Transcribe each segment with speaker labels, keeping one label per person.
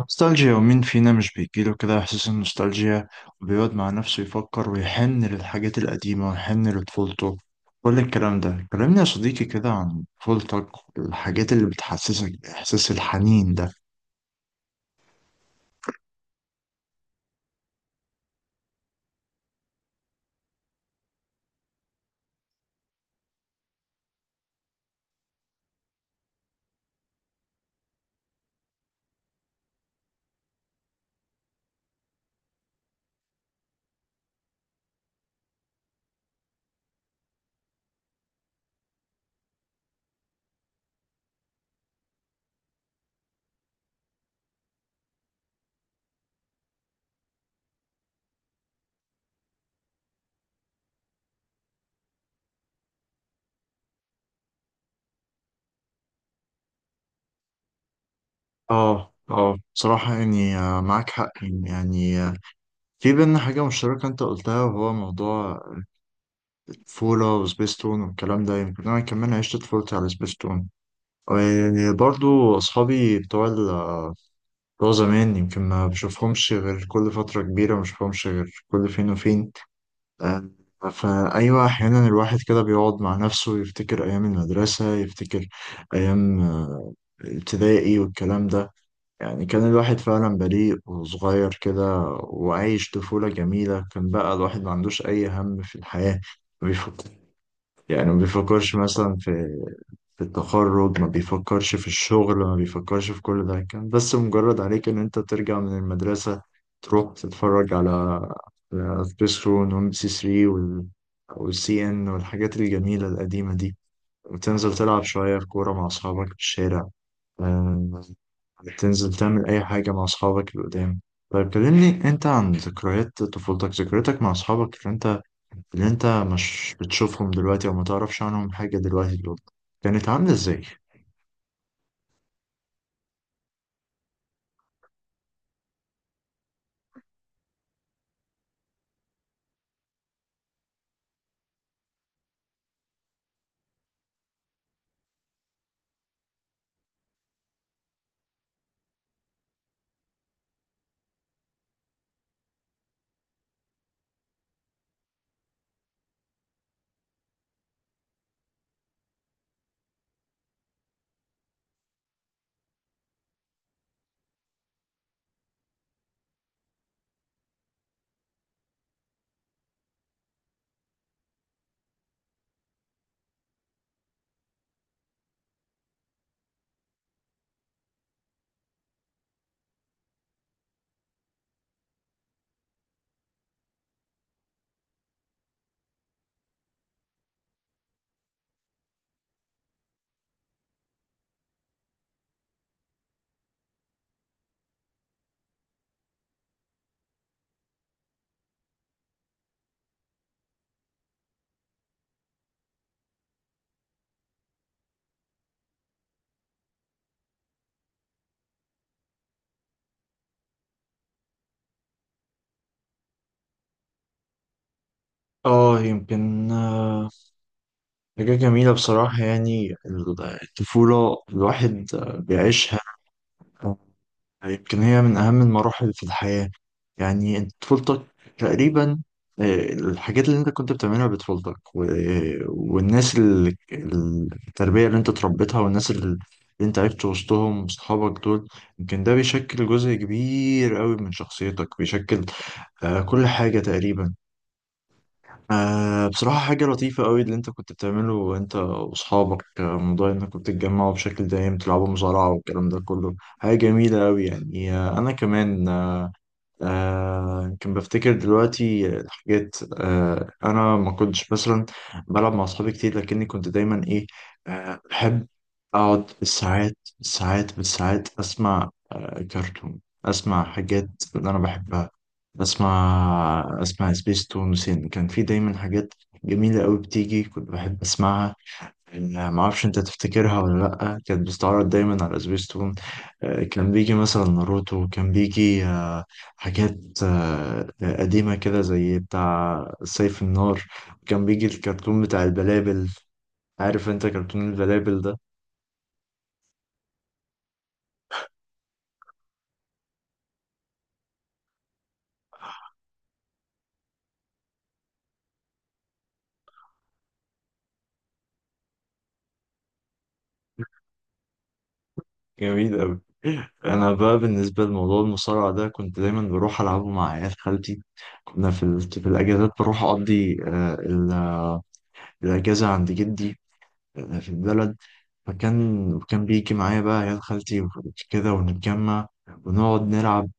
Speaker 1: نوستالجيا، ومين فينا مش بيجيله كده إحساس النوستالجيا وبيقعد مع نفسه يفكر ويحن للحاجات القديمة ويحن لطفولته؟ كل الكلام ده كلمني يا صديقي كده عن طفولتك، الحاجات اللي بتحسسك بإحساس الحنين ده. اه، اه، بصراحة يعني، معاك حق يعني، في بينا حاجة مشتركة أنت قلتها، وهو موضوع الطفولة وسبيستون والكلام ده. يمكن أنا كمان عشت طفولتي على سبيستون، وبرضو أصحابي بتوع زمان، يمكن ما بشوفهمش غير كل فترة كبيرة، ما بشوفهمش غير كل فين وفين. آه، فأيوة، أحيانا الواحد كده بيقعد مع نفسه يفتكر أيام المدرسة، يفتكر أيام ابتدائي والكلام ده. يعني كان الواحد فعلا بريء وصغير كده وعايش طفولة جميلة، كان بقى الواحد ما عندوش أي هم في الحياة، ما بيفكر، يعني ما بيفكرش مثلا في التخرج، ما بيفكرش في الشغل، ما بيفكرش في كل ده. كان بس مجرد عليك ان انت ترجع من المدرسة تروح تتفرج على سبيس رون وام بي سي 3 والسي ان والحاجات الجميلة القديمة دي، وتنزل تلعب شوية في كورة مع أصحابك في الشارع. آه، تنزل تعمل أي حاجة مع أصحابك اللي قدام. طيب كلمني أنت عن ذكريات طفولتك، ذكرياتك مع أصحابك اللي أنت، اللي أنت مش بتشوفهم دلوقتي أو ما تعرفش عنهم حاجة دلوقتي، دول كانت عاملة إزاي؟ اه، يمكن حاجة جميلة بصراحة يعني. الطفولة الواحد بيعيشها، يمكن هي من أهم المراحل في الحياة. يعني أنت طفولتك تقريبا، الحاجات اللي أنت كنت بتعملها بطفولتك والناس التربية اللي أنت اتربيتها، والناس اللي أنت عشت وسطهم وصحابك دول، يمكن ده بيشكل جزء كبير قوي من شخصيتك، بيشكل كل حاجة تقريبا. بصراحة حاجة لطيفة قوي اللي أنت كنت بتعمله أنت وأصحابك، موضوع إنكم بتتجمعوا بشكل دائم تلعبوا مزارعة والكلام ده كله، حاجة جميلة أوي يعني. أنا كمان كان بفتكر دلوقتي الحاجات. انا ما كنتش مثلا بلعب مع اصحابي كتير، لكني كنت دايما ايه، بحب اقعد بالساعات بالساعات بالساعات اسمع كرتون، اسمع حاجات اللي انا بحبها. اسمع سبيس تون وسين، كان في دايما حاجات جميلة قوي بتيجي كنت بحب اسمعها. ما اعرفش انت تفتكرها ولا لا، كانت بتستعرض دايما على سبيستون. كان بيجي مثلا ناروتو، كان بيجي حاجات قديمة كده زي بتاع سيف النار، كان بيجي الكرتون بتاع البلابل. عارف انت كرتون البلابل ده؟ جميل قوي. انا بقى بالنسبة لموضوع المصارعة ده كنت دايما بروح العبه مع عيال خالتي. كنا في الاجازات بروح اقضي الاجازة عند جدي في البلد. وكان بيجي معايا بقى عيال خالتي وكده، ونتجمع ونقعد نلعب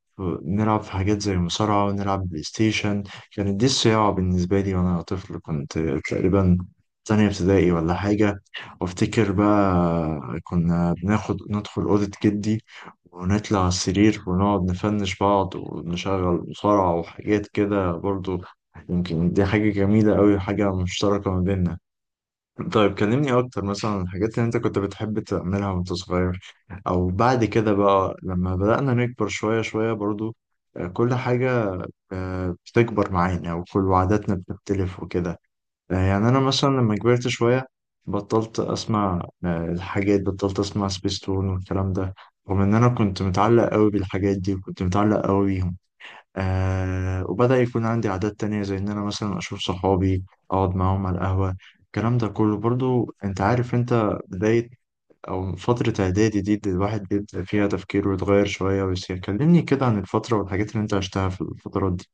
Speaker 1: نلعب في حاجات زي مصارعة، ونلعب بلاي ستيشن. كانت دي الصياعة بالنسبة لي، وأنا طفل كنت تقريبا تانية ابتدائي ولا حاجة. وافتكر بقى كنا بناخد ندخل أوضة جدي، ونطلع على السرير ونقعد نفنش بعض ونشغل مصارعة وحاجات كده برضو. يمكن دي حاجة جميلة أوي، حاجة مشتركة ما بيننا. طيب كلمني اكتر مثلا عن الحاجات اللي انت كنت بتحب تعملها وانت صغير، او بعد كده بقى لما بدأنا نكبر شوية شوية برضو. كل حاجة بتكبر معانا وكل عاداتنا بتختلف وكده. يعني انا مثلا لما كبرت شوية، بطلت اسمع الحاجات، بطلت اسمع سبيستون والكلام ده، رغم ان انا كنت متعلق قوي بالحاجات دي وكنت متعلق قوي. وبدأ يكون عندي عادات تانية، زي إن أنا مثلا أشوف صحابي، أقعد معاهم على القهوة. الكلام ده كله برضو أنت عارف، أنت بداية أو فترة إعدادي دي الواحد بيبدأ فيها تفكيره ويتغير شوية ويصير. كلمني كده عن الفترة والحاجات اللي أنت عشتها في الفترات دي.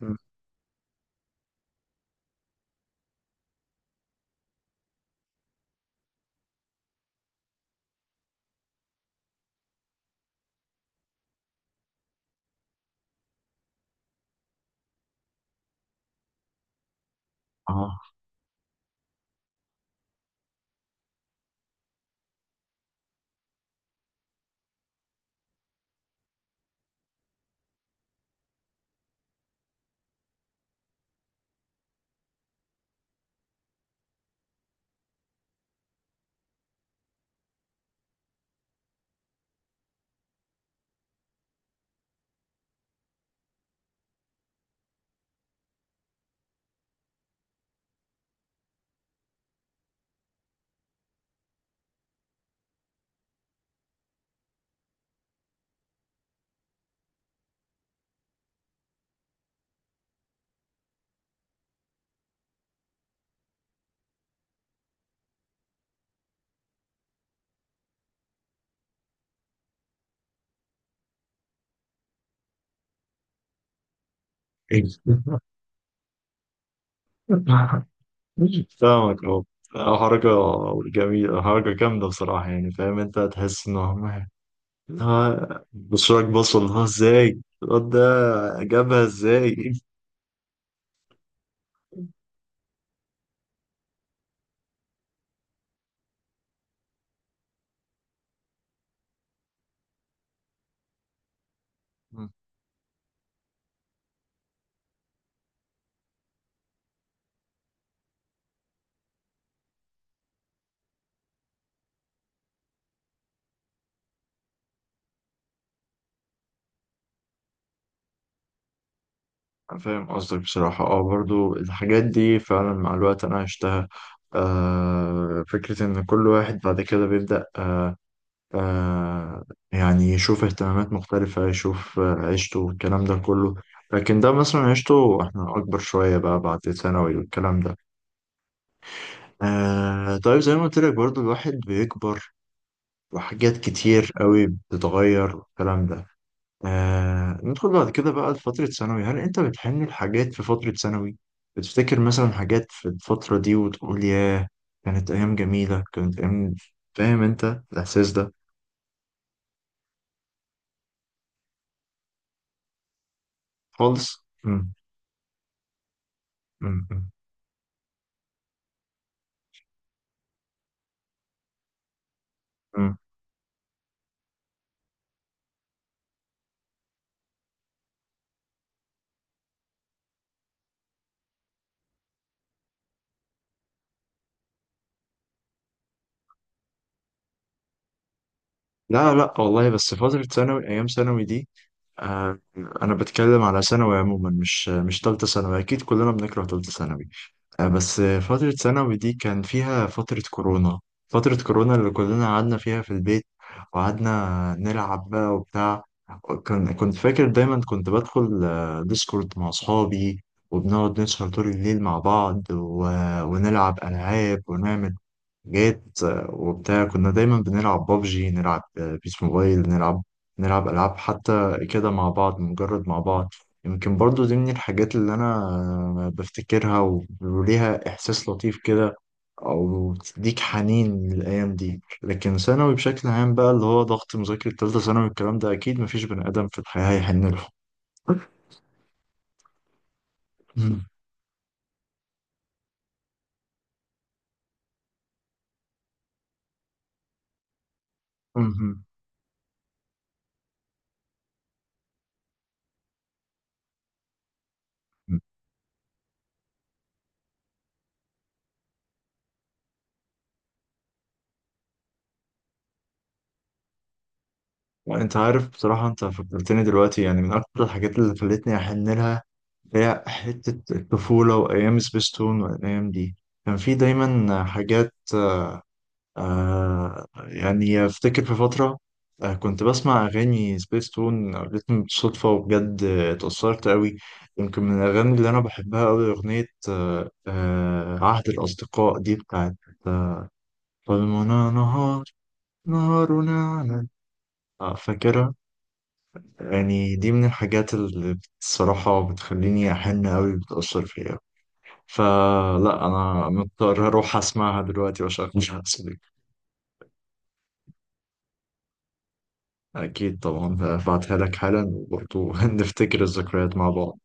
Speaker 1: مم. آه. إيه. فاهمك أهو. حركة جميلة، حركة جامدة بصراحة يعني. فاهم أنت، تحس إن هم بصراك بصل اللي هو إزاي الواد ده جابها إزاي. أنا فاهم قصدك بصراحة. اه، برضو الحاجات دي فعلا مع الوقت أنا عشتها. فكرة إن كل واحد بعد كده بيبدأ آه يعني يشوف اهتمامات مختلفة، يشوف عيشته والكلام ده كله. لكن ده مثلا عيشته احنا أكبر شوية بقى بعد ثانوي والكلام ده. طيب زي ما قلت لك برضو، الواحد بيكبر وحاجات كتير قوي بتتغير والكلام ده. ندخل بعد كده بقى لفترة ثانوي. هل أنت بتحن لحاجات في فترة ثانوي؟ بتفتكر مثلا حاجات في الفترة دي وتقول ياه، كانت أيام جميلة، كانت أيام، فاهم أنت الإحساس ده؟ خالص؟ مم. مم. مم. مم. لا، لا والله، بس فترة ثانوي، أيام ثانوي دي، آه أنا بتكلم على ثانوي عموما، مش تالتة ثانوي، أكيد كلنا بنكره تالتة ثانوي. بس فترة ثانوي دي كان فيها فترة كورونا، فترة كورونا اللي كلنا قعدنا فيها في البيت وقعدنا نلعب بقى وبتاع. كان كنت فاكر دايما كنت بدخل ديسكورد مع أصحابي، وبنقعد نسهر طول الليل مع بعض ونلعب ألعاب ونعمل جيت وبتاع. كنا دايما بنلعب بابجي، نلعب بيس موبايل، نلعب ألعاب حتى كده مع بعض، مجرد مع بعض. يمكن برضو دي من الحاجات اللي أنا بفتكرها، وليها إحساس لطيف كده، أو تديك حنين للأيام دي. لكن ثانوي بشكل عام بقى، اللي هو ضغط مذاكرة تالتة ثانوي الكلام ده، أكيد مفيش بني آدم في الحياة هيحن له. انت عارف بصراحة، انت فكرتني دلوقتي، يعني من اكتر الحاجات اللي خلتني احن لها هي حتة الطفولة وأيام سبيستون والأيام دي. كان في دايما حاجات، يعني أفتكر في فترة، كنت بسمع أغاني سبيستون قابلتني بالصدفة وبجد اتأثرت أوي. يمكن من الأغاني اللي أنا بحبها أوي أغنية عهد الأصدقاء دي بتاعت، ظلمنا نهار، نهارنا على. فاكرها. يعني دي من الحاجات اللي الصراحة بتخليني أحن أوي، بتأثر فيا. فلا انا مضطر اروح اسمعها دلوقتي واشغلها. اصلي اكيد طبعا هبعتها لك حالا، وبرضه نفتكر الذكريات مع بعض.